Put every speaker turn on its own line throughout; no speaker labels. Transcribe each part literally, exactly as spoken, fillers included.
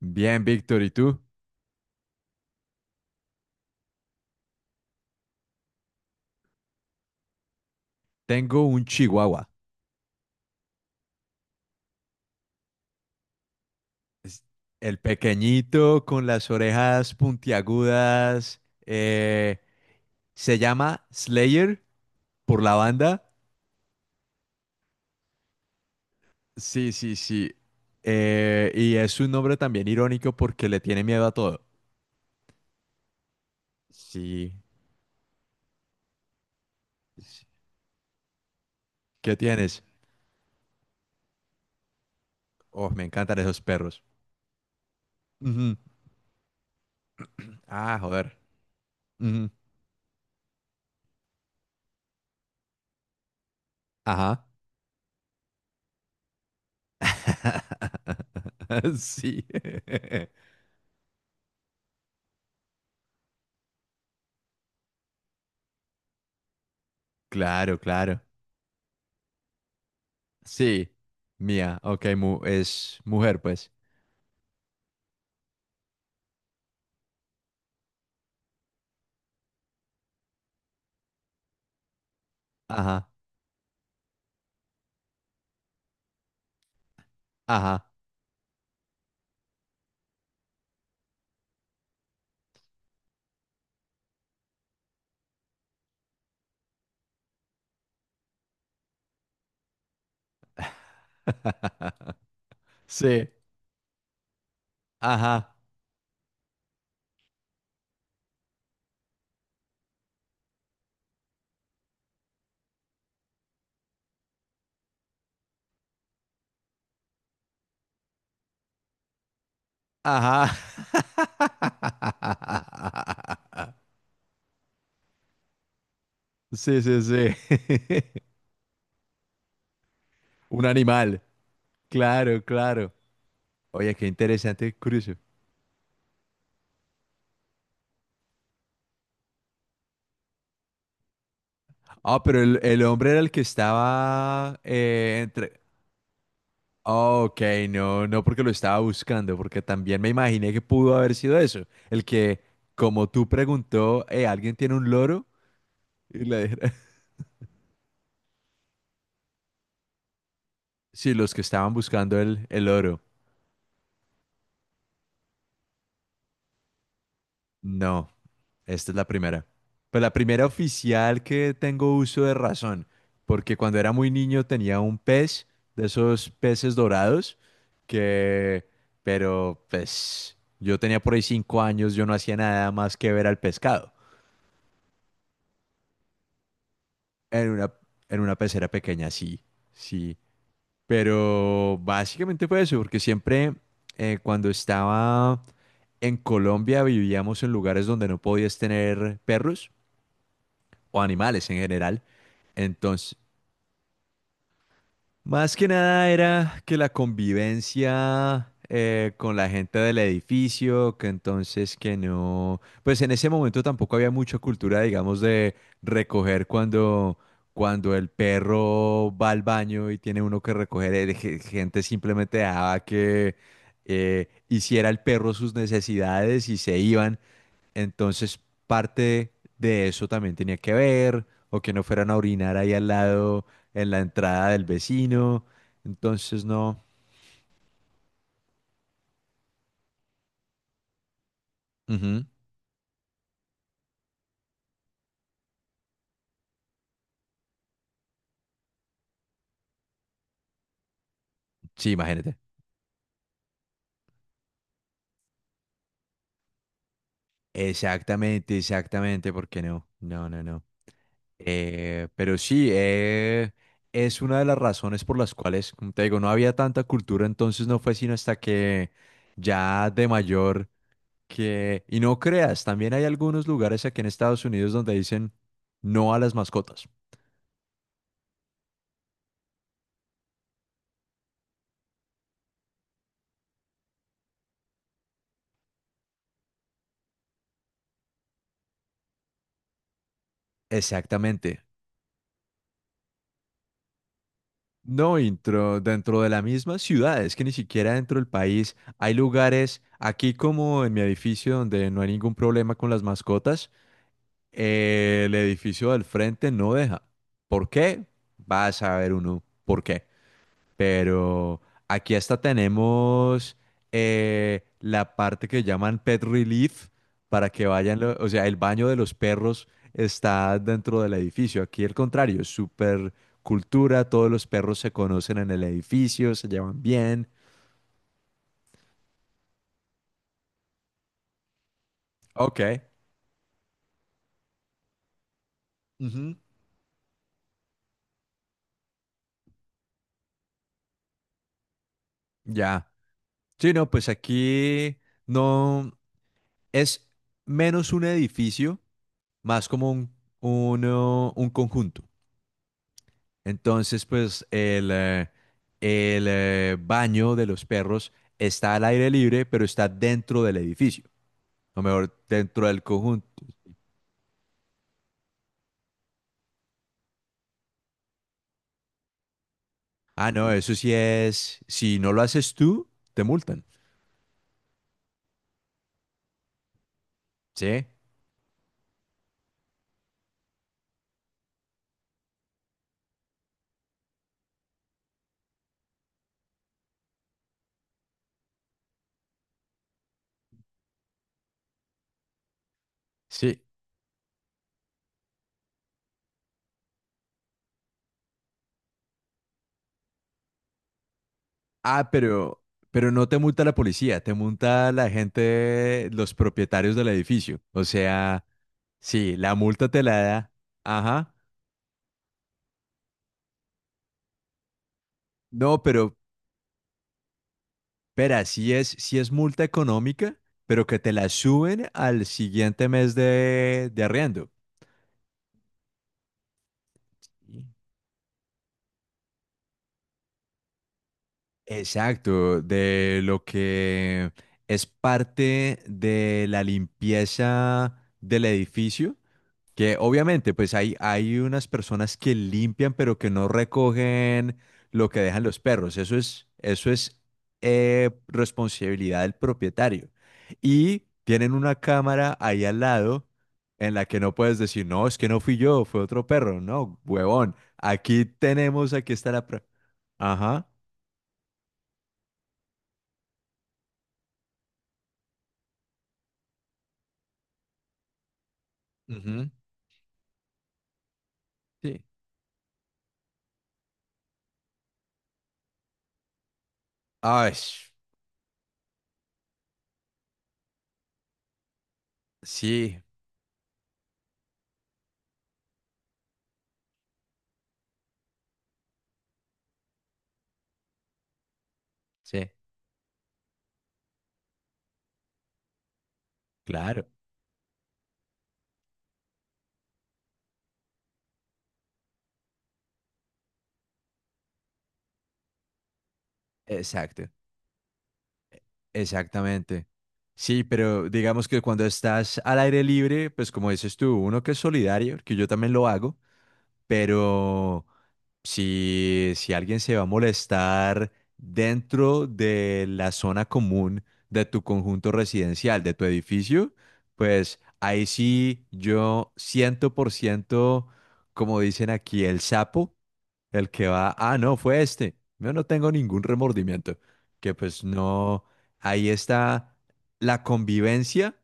Bien, Víctor, ¿y tú? Tengo un chihuahua. Es el pequeñito con las orejas puntiagudas. eh, Se llama Slayer por la banda. Sí, sí, sí. Eh, y es un nombre también irónico porque le tiene miedo a todo. Sí. Sí. ¿Qué tienes? Oh, me encantan esos perros. Ujú. Ah, joder. Ujú. Ajá. Sí. Claro, claro. Sí, mía, ok, mu- es mujer, pues. Ajá, ajá. Sí, ajá, ajá. Sí, sí, sí. Un animal, claro, claro. Oye, qué interesante el cruce. Ah, pero el, el hombre era el que estaba eh, entre... Ah, ok, no, no porque lo estaba buscando, porque también me imaginé que pudo haber sido eso. El que, como tú preguntó, eh, ¿alguien tiene un loro? Y la era- Sí, los que estaban buscando el, el oro. No, esta es la primera. Pues la primera oficial que tengo uso de razón, porque cuando era muy niño tenía un pez, de esos peces dorados, que, pero pues yo tenía por ahí cinco años, yo no hacía nada más que ver al pescado. En una, en una pecera pequeña, sí, sí. Pero básicamente fue eso, porque siempre eh, cuando estaba en Colombia vivíamos en lugares donde no podías tener perros o animales en general. Entonces, más que nada era que la convivencia eh, con la gente del edificio, que entonces que no, pues en ese momento tampoco había mucha cultura, digamos, de recoger cuando, cuando el perro va al baño y tiene uno que recoger, el ge- gente simplemente dejaba que eh, hiciera el perro sus necesidades y se iban. Entonces, parte de eso también tenía que ver, o que no fueran a orinar ahí al lado, en la entrada del vecino. Entonces, no. Ujú. Sí, imagínate. Exactamente, exactamente. ¿Por qué no? No, no, no. Eh, pero sí, eh, es una de las razones por las cuales, como te digo, no había tanta cultura, entonces no fue sino hasta que ya de mayor que... Y no creas, también hay algunos lugares aquí en Estados Unidos donde dicen no a las mascotas. Exactamente. No, intro, dentro de la misma ciudad, es que ni siquiera dentro del país hay lugares, aquí como en mi edificio donde no hay ningún problema con las mascotas, eh, el edificio del frente no deja. ¿Por qué? Vas a ver uno. ¿Por qué? Pero aquí hasta tenemos eh, la parte que llaman Pet Relief para que vayan, lo- o sea, el baño de los perros está dentro del edificio. Aquí el contrario, es súper cultura, todos los perros se conocen en el edificio, se llevan bien. Ok. Ujú. Ya. Sí, no, pues aquí no es menos un edificio, más como un, uno- un conjunto. Entonces, pues el, eh, el eh, baño de los perros está al aire libre, pero está dentro del edificio, o mejor, dentro del conjunto. Ah, no, eso sí es, si no lo haces tú, te multan. Sí, sí. Ah, pero, pero no te multa la policía, te multa la gente, los propietarios del edificio. O sea, sí, la multa te la da. Ajá. No, pero, Espera, si es, si es multa económica, pero que te la suben al siguiente mes de, de arriendo. Exacto, de lo que es parte de la limpieza del edificio. Que obviamente, pues hay, hay unas personas que limpian, pero que no recogen lo que dejan los perros. Eso es, eso es eh, responsabilidad del propietario. Y tienen una cámara ahí al lado en la que no puedes decir, no, es que no fui yo, fue otro perro. No, huevón, aquí tenemos, aquí está la... prueba. Ajá. Ujú. Sí. Ay, sí, sí, claro. Exacto. Exactamente. Sí, pero digamos que cuando estás al aire libre, pues como dices tú, uno que es solidario, que yo también lo hago, pero si, si alguien se va a molestar dentro de la zona común de tu conjunto residencial, de tu edificio, pues ahí sí yo ciento por ciento, como dicen aquí, el sapo, el que va, ah, no, fue este. Yo no tengo ningún remordimiento. Que pues no, ahí está la convivencia,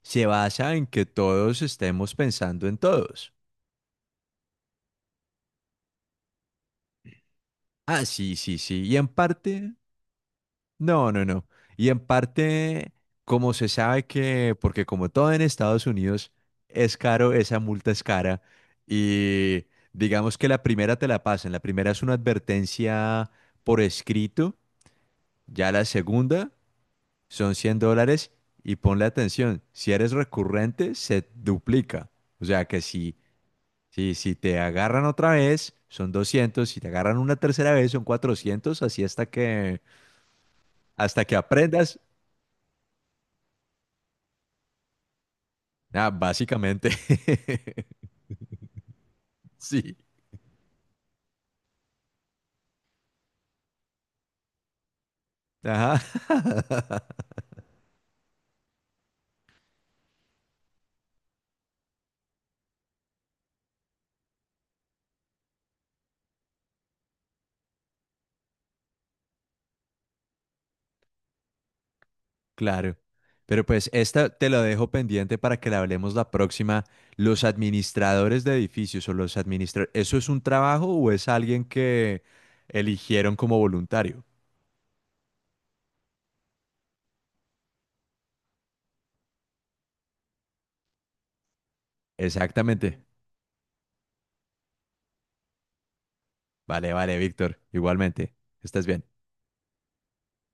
se basa en que todos estemos pensando en todos. Ah, sí, sí, sí. Y en parte no, no, no. Y en parte, como se sabe que, porque como todo en Estados Unidos es caro, esa multa es cara. Y digamos que la primera te la pasan. La primera es una advertencia por escrito. Ya la segunda son cien dólares. Y ponle atención, si eres recurrente, se duplica. O sea que si, si, si te agarran otra vez, son doscientos. Si te agarran una tercera vez, son cuatrocientos. Así hasta que, hasta que aprendas. Ah, básicamente, sí. Ajá, claro. Pero pues esta te la dejo pendiente para que la hablemos la próxima. Los administradores de edificios o los administradores, ¿eso es un trabajo o es alguien que eligieron como voluntario? Exactamente. Vale, vale, Víctor. Igualmente. Estás bien.